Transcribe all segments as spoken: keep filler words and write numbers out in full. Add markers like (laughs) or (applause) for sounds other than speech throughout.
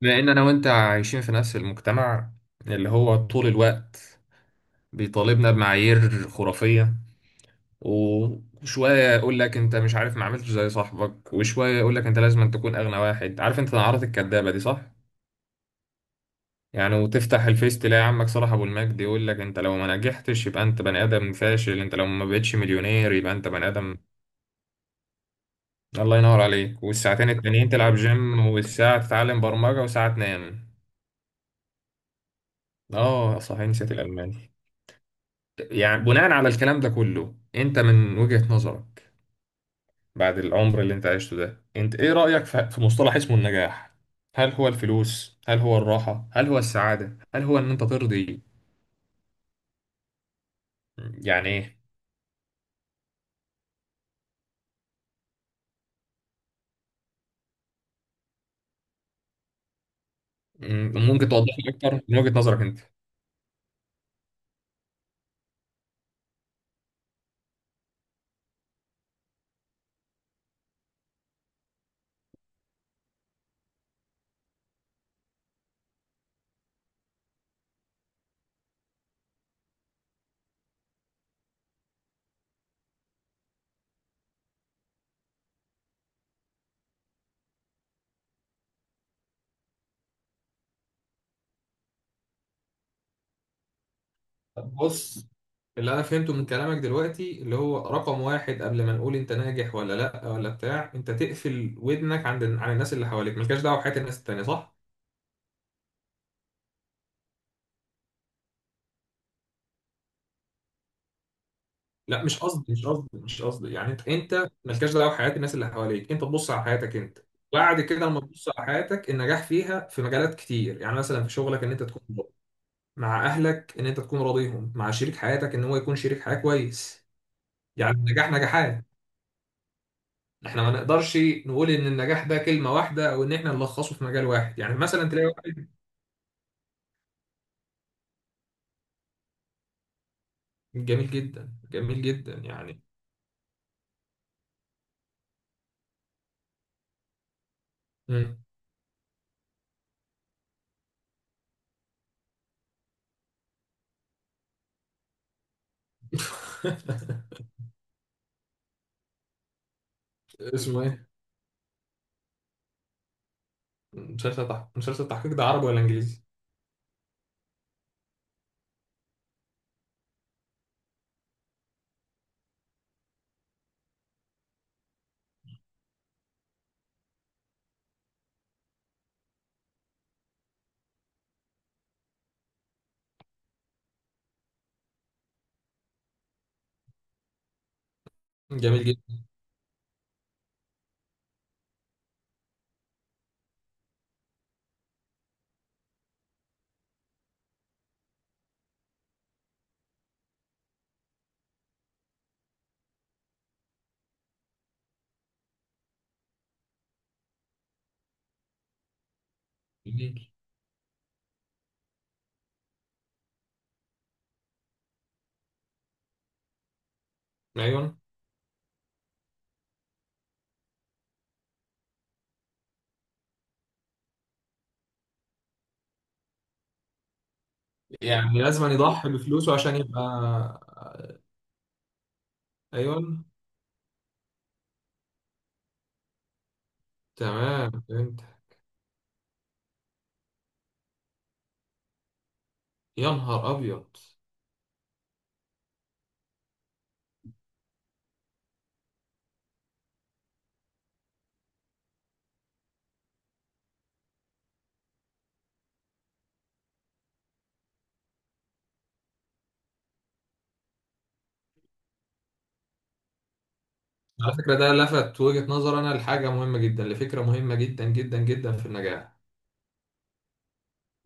لأن أنا وأنت عايشين في نفس المجتمع اللي هو طول الوقت بيطالبنا بمعايير خرافية. وشوية يقول لك أنت مش عارف، ما عملتش زي صاحبك، وشوية يقول لك أنت لازم أن تكون أغنى واحد. عارف أنت العادات الكدابة دي؟ صح؟ يعني وتفتح الفيس تلاقي عمك صلاح أبو المجد يقول لك أنت لو ما نجحتش يبقى أنت بني آدم فاشل، أنت لو ما بقتش مليونير يبقى أنت بني آدم. الله ينور عليك، والساعتين التانيين تلعب جيم والساعة تتعلم برمجة وساعة تنام. آه صحيح، نسيت الألماني. يعني بناء على الكلام ده كله، انت من وجهة نظرك بعد العمر اللي انت عشته ده، انت ايه رأيك في في مصطلح اسمه النجاح؟ هل هو الفلوس؟ هل هو الراحة؟ هل هو السعادة؟ هل هو ان انت ترضي؟ يعني ايه؟ م- ممكن توضح لي اكتر من وجهة نظرك انت؟ بص، اللي انا فهمته من كلامك دلوقتي اللي هو رقم واحد، قبل ما نقول انت ناجح ولا لا ولا بتاع، انت تقفل ودنك عند عن الناس اللي حواليك، ملكاش دعوه بحياه الناس التانيه، صح؟ لا مش قصدي مش قصدي مش قصدي يعني انت انت مالكش دعوه بحياه الناس اللي حواليك، انت تبص على حياتك انت. بعد كده لما تبص على حياتك، النجاح فيها في مجالات كتير. يعني مثلا في شغلك ان انت تكون راضي، مع اهلك ان انت تكون راضيهم، مع شريك حياتك ان هو يكون شريك حياه كويس. يعني النجاح نجاحات. احنا ما نقدرش نقول ان النجاح ده كلمه واحده، او ان احنا نلخصه في مجال واحد. يعني مثلا تلاقي واحد. جميل جدا، جميل جدا يعني. مم. (laughs) اسمه ايه؟ مسلسل تحقيق. مسلسل تحقيق ده عربي ولا انجليزي؟ جميل جدا. ايوه، يعني لازم أن يضحي بفلوسه عشان يبقى. ايوه. تمام فهمت. يا نهار ابيض. على فكره، ده لفت وجهه نظر انا لحاجه مهمه جدا، لفكره مهمه جدا جدا جدا في النجاح.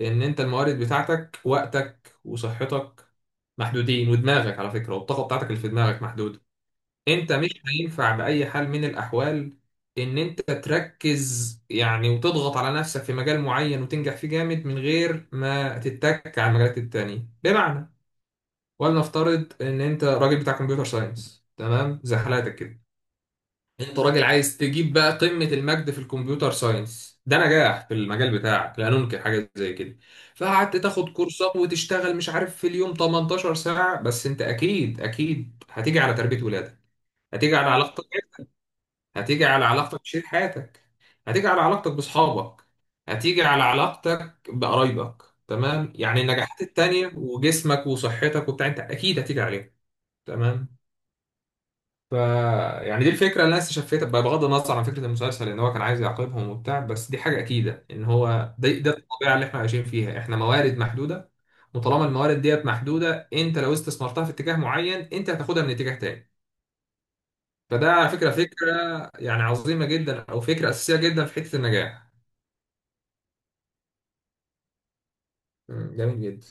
ان انت الموارد بتاعتك وقتك وصحتك محدودين، ودماغك على فكره والطاقه بتاعتك اللي في دماغك محدوده. انت مش هينفع باي حال من الاحوال ان انت تركز يعني وتضغط على نفسك في مجال معين وتنجح فيه جامد من غير ما تتك على المجالات التانية، بمعنى. ولنفترض ان انت راجل بتاع كمبيوتر ساينس، تمام، زي حالاتك كده. انت راجل عايز تجيب بقى قمة المجد في الكمبيوتر ساينس، ده نجاح في المجال بتاعك، لا ننكر حاجة زي كده. فقعدت تاخد كورسات وتشتغل مش عارف في اليوم تمنتاشر ساعة. بس انت اكيد اكيد هتيجي على تربية ولادك، هتيجي على علاقتك، هتيجي على علاقتك بشريك حياتك، هتيجي على علاقتك بأصحابك، هتيجي على علاقتك بقرايبك. تمام؟ يعني النجاحات التانية وجسمك وصحتك وبتاع، انت اكيد هتيجي عليهم. تمام. ف يعني دي الفكرة اللي انا استشفيتها بقى بغض النظر عن فكرة المسلسل، ان هو كان عايز يعاقبهم وبتاع. بس دي حاجة اكيدة ان هو ده ده الطبيعة اللي احنا عايشين فيها. احنا موارد محدودة، وطالما الموارد ديت محدودة، انت لو استثمرتها في اتجاه معين انت هتاخدها من اتجاه تاني. فده على فكرة فكرة يعني عظيمة جدا، أو فكرة أساسية جدا في حتة النجاح. مم، جميل جدا.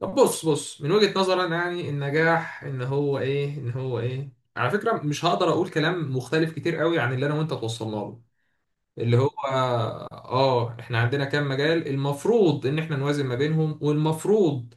طب بص بص، من وجهة نظري أنا، يعني النجاح إن هو إيه إن هو إيه على فكرة، مش هقدر أقول كلام مختلف كتير قوي عن اللي أنا وأنت توصلنا له، اللي هو آه إحنا عندنا كام مجال المفروض إن إحنا نوازن ما بينهم، والمفروض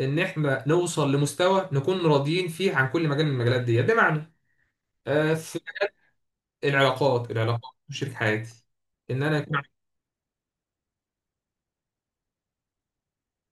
إن إحنا نوصل لمستوى نكون راضيين فيه عن كل مجال من المجالات دي. بمعنى آه في العلاقات، العلاقات شريك حياتي، ان انا يكون.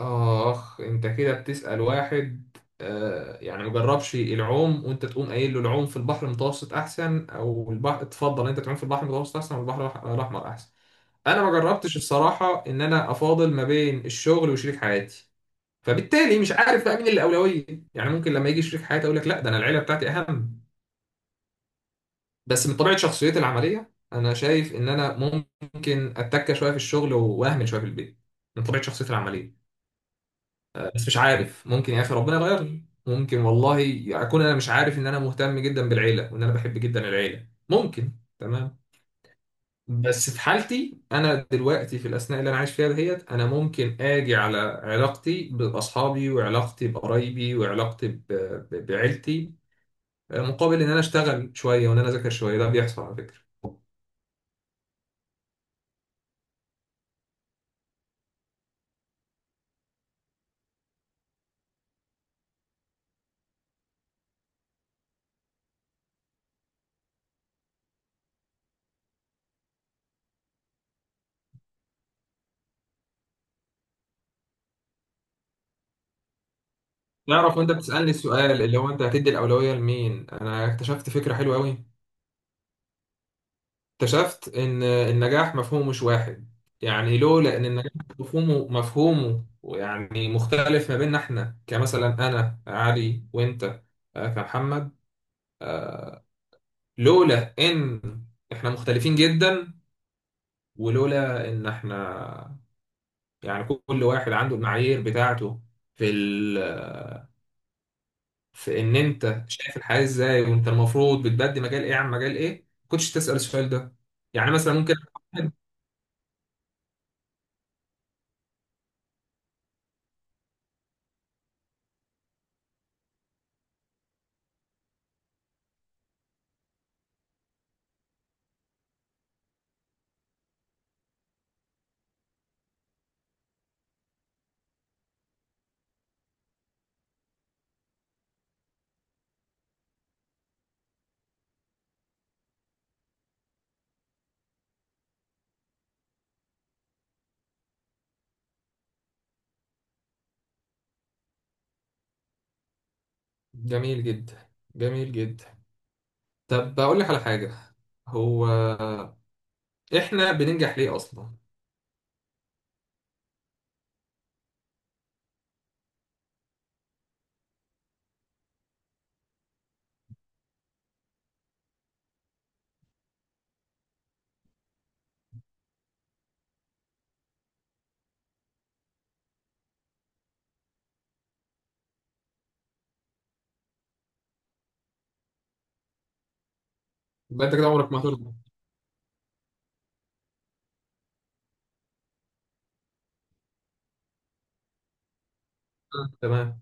آخ، أنت كده بتسأل واحد آه يعني مجربش العوم، وأنت تقوم قايل له العوم في البحر المتوسط أحسن أو البحر، تفضل أنت تعوم في البحر المتوسط أحسن والبحر الأح- الأحمر أحسن. أنا ما جربتش الصراحة إن أنا أفاضل ما بين الشغل وشريك حياتي، فبالتالي مش عارف بقى مين اللي أولوية. يعني ممكن لما يجي شريك حياتي أقول لك لا، ده أنا العيلة بتاعتي أهم. بس من طبيعة شخصيتي العملية أنا شايف إن أنا ممكن أتكة شوية في الشغل وأهمل شوية في البيت، من طبيعة شخصيتي العملية. بس مش عارف، ممكن يا اخي ربنا يغيرني، ممكن والله اكون انا مش عارف ان انا مهتم جدا بالعيله وان انا بحب جدا العيله، ممكن. تمام. بس في حالتي انا دلوقتي في الاثناء اللي انا عايش فيها دهيت، انا ممكن اجي على علاقتي باصحابي وعلاقتي بقرايبي وعلاقتي ب- ب- بعيلتي، آه، مقابل ان انا اشتغل شويه وان انا اذاكر شويه، ده بيحصل على فكره. تعرف، وانت بتسالني السؤال اللي هو انت هتدي الاولويه لمين، انا اكتشفت فكره حلوه قوي. اكتشفت ان النجاح مفهومه مش واحد. يعني لو لان النجاح مفهومه مفهومه يعني مختلف ما بيننا احنا، كمثلا انا علي وانت، آه، كمحمد. لولا ان احنا مختلفين جدا، ولولا ان احنا يعني كل واحد عنده المعايير بتاعته في ال في ان انت شايف الحياة ازاي، وانت المفروض بتبدي مجال ايه عن مجال ايه، ما كنتش تسأل السؤال ده. يعني مثلا ممكن. جميل جدا، جميل جدا. طب بقول لك على حاجة. هو احنا بننجح ليه اصلا؟ يبقى انت كده عمرك ما هترضى. آه، تمام.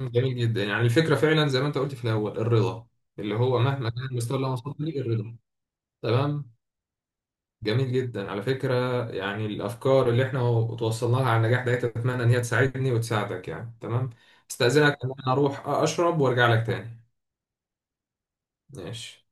جميل جدا، يعني الفكرة فعلا زي ما انت قلت في الاول، الرضا. اللي هو مهما كان المستوى اللي أنا وصلت ليه، الرضا. تمام. جميل جدا على فكرة، يعني الافكار اللي احنا توصلناها على النجاح ده اتمنى ان هي تساعدني وتساعدك يعني. تمام. استأذنك ان انا اروح اشرب وارجع لك تاني. ماشي.